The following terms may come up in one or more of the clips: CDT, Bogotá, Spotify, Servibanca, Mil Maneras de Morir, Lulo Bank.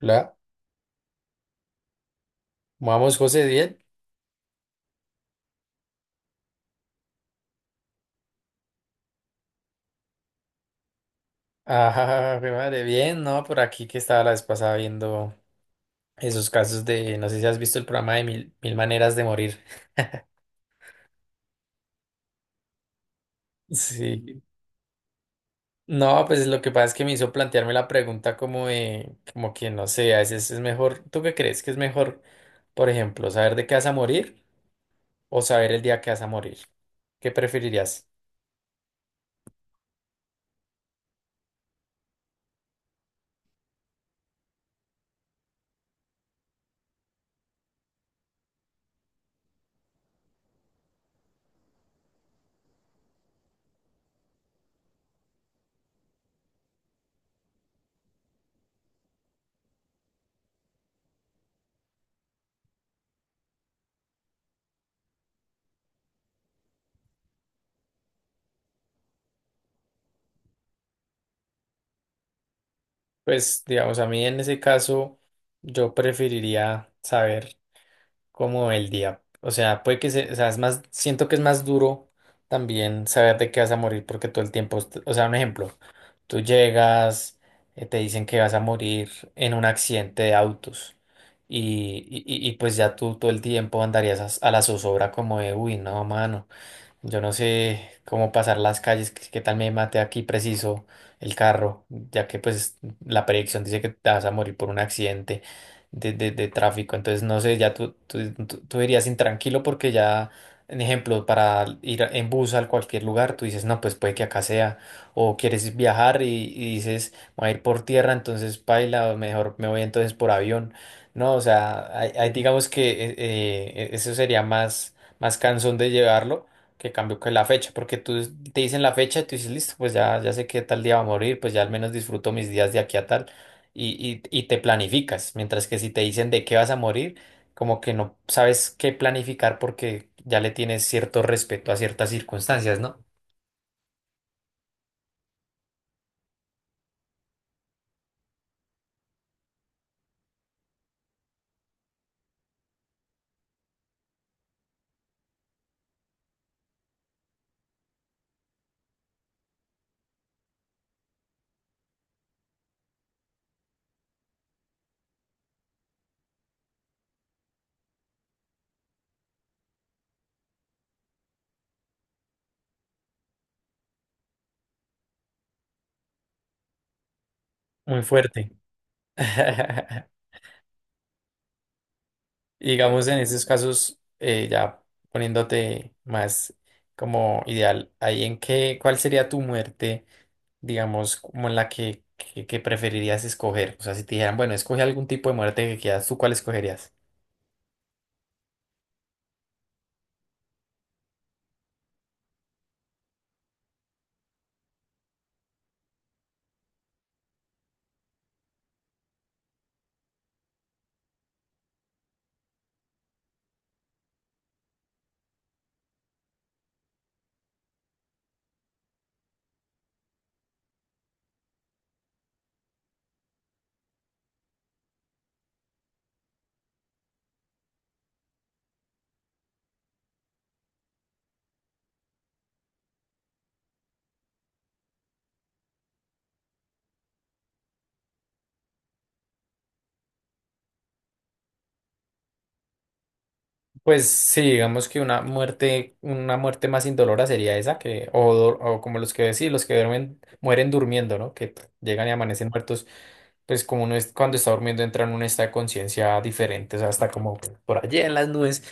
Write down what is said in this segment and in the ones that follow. Hola, vamos José, bien. Ah, mi madre, bien, ¿no? Por aquí que estaba la vez pasada viendo esos casos de, no sé si has visto el programa de Mil Maneras de Morir. Sí. No, pues lo que pasa es que me hizo plantearme la pregunta como de, como que no sé, a veces es mejor, ¿tú qué crees que es mejor, por ejemplo, saber de qué vas a morir o saber el día que vas a morir? ¿Qué preferirías? Pues, digamos, a mí en ese caso, yo preferiría saber como el día. O sea, o sea, es más, siento que es más duro también saber de qué vas a morir porque todo el tiempo, o sea, un ejemplo, tú llegas, te dicen que vas a morir en un accidente de autos y pues ya tú todo el tiempo andarías a la zozobra como de, uy, no, mano. Yo no sé cómo pasar las calles, qué tal me mate aquí preciso el carro, ya que pues la predicción dice que te vas a morir por un accidente de tráfico. Entonces, no sé, ya tú irías intranquilo porque ya, en ejemplo, para ir en bus a cualquier lugar, tú dices, no, pues puede que acá sea. O quieres viajar y dices, voy a ir por tierra, entonces paila, o mejor me voy entonces por avión. No, o sea, hay, digamos que eso sería más, más cansón de llevarlo que cambió que la fecha, porque tú te dicen la fecha y tú dices, listo, pues ya sé que tal día va a morir, pues ya al menos disfruto mis días de aquí a tal, y, y te planificas, mientras que si te dicen de qué vas a morir, como que no sabes qué planificar porque ya le tienes cierto respeto a ciertas circunstancias, ¿no? Muy fuerte. Y digamos, en esos casos, ya poniéndote más como ideal, ahí en qué, ¿cuál sería tu muerte? Digamos, como la que preferirías escoger. O sea, si te dijeran, bueno, escoge algún tipo de muerte que quieras, ¿tú cuál escogerías? Pues sí, digamos que una muerte más indolora sería esa que, o como los que decís, los que duermen, mueren durmiendo, ¿no? Que llegan y amanecen muertos, pues como uno es, cuando está durmiendo entra en un estado de conciencia diferente, o sea, hasta como por allá en las nubes,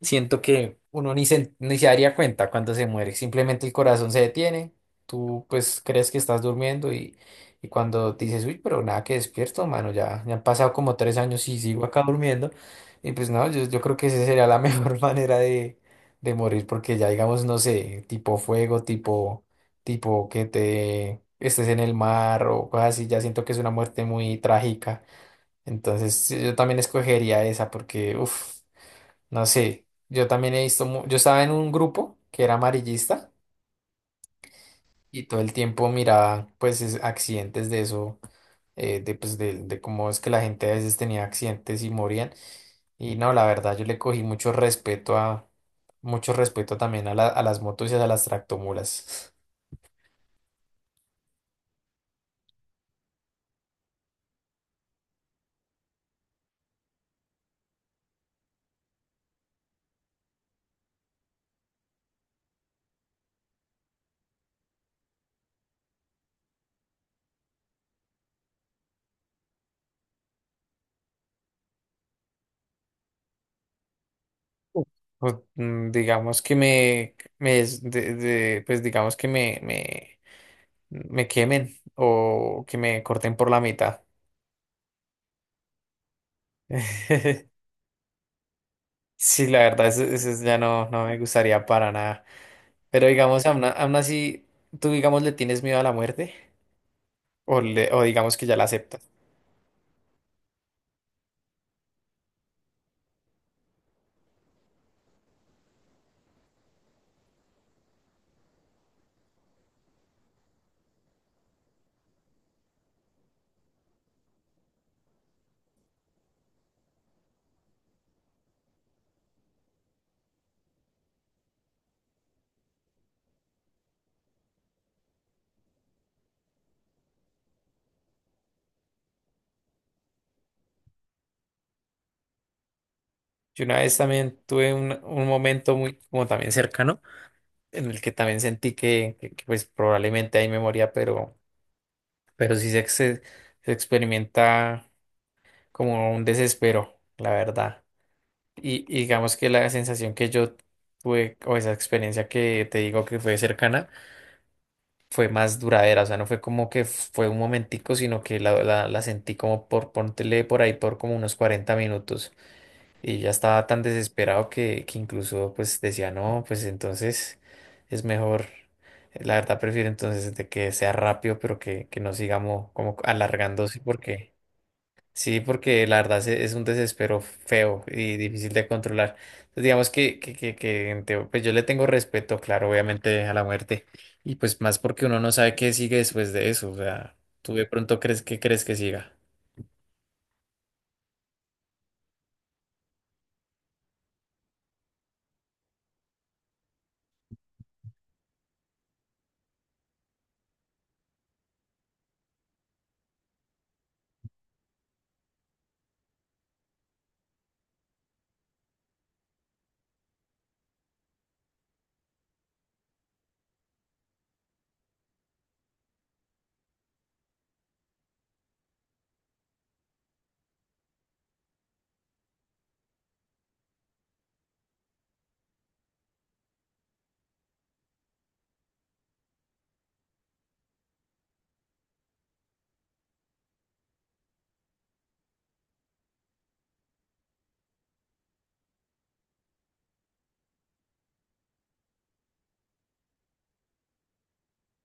siento que uno ni se daría cuenta cuando se muere, simplemente el corazón se detiene, tú pues crees que estás durmiendo y cuando dices, uy, pero nada que despierto, mano, ya han pasado como 3 años y sigo acá durmiendo. Y pues no, yo creo que esa sería la mejor manera de morir, porque ya digamos, no sé, tipo fuego, tipo que te estés en el mar o cosas así, ya siento que es una muerte muy trágica. Entonces sí, yo también escogería esa porque, uff, no sé, yo también he visto, yo estaba en un grupo que era amarillista y todo el tiempo miraba pues accidentes de eso, de, pues, de cómo es que la gente a veces tenía accidentes y morían. Y no, la verdad, yo le cogí mucho respeto a, mucho respeto también a a las motos y a las tractomulas. Pues, mm, digamos que me es- de- pues digamos que me quemen o que me corten por la mitad. Sí, la verdad, eso, no me gustaría para nada. Pero digamos, aún así, tú digamos le tienes miedo a la muerte o, o digamos que ya la aceptas. Yo una vez también tuve un momento muy como también cercano en el que también sentí que, pues probablemente ahí me moría, pero sí se experimenta como un desespero, la verdad. Y digamos que la sensación que yo tuve o esa experiencia que te digo que fue cercana fue más duradera, o sea, no fue como que fue un momentico, sino que la sentí como por, pontele por ahí por como unos 40 minutos y ya estaba tan desesperado que incluso pues decía, no, pues entonces es mejor, la verdad prefiero entonces de que sea rápido, pero que no sigamos como alargándose porque... Sí, porque la verdad es un desespero feo y difícil de controlar. Entonces, digamos que en pues yo le tengo respeto, claro, obviamente a la muerte. Y pues más porque uno no sabe qué sigue después de eso. O sea, tú de pronto crees que siga.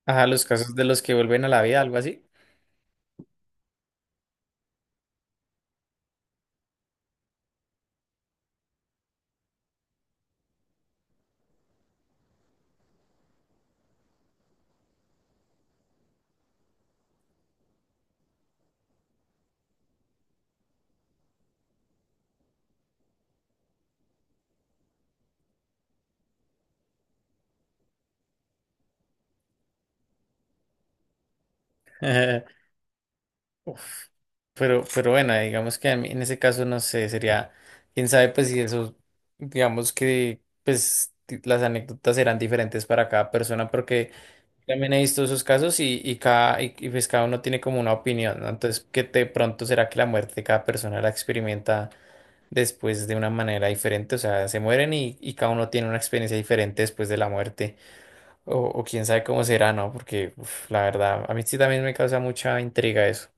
Ajá, los casos de los que vuelven a la vida, algo así. Uf. Pero bueno, digamos que a mí en ese caso no sé, sería, quién sabe, pues si eso, digamos que pues las anécdotas serán diferentes para cada persona, porque también he visto esos casos y, y pues cada uno tiene como una opinión, ¿no? Entonces, ¿que de pronto será que la muerte de cada persona la experimenta después de una manera diferente? O sea, se mueren y cada uno tiene una experiencia diferente después de la muerte. O quién sabe cómo será, ¿no? Porque uf, la verdad, a mí sí también me causa mucha intriga eso.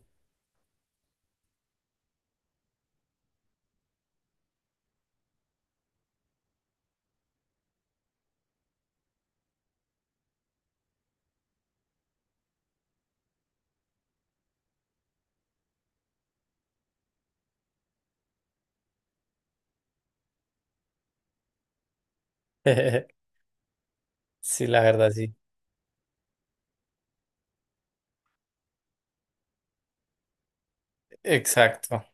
Sí, la verdad, sí. Exacto.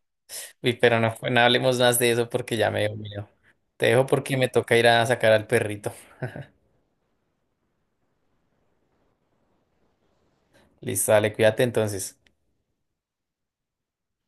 Uy, pero no, no hablemos más de eso porque ya me dio miedo. Te dejo porque me toca ir a sacar al perrito. Listo, dale, cuídate entonces.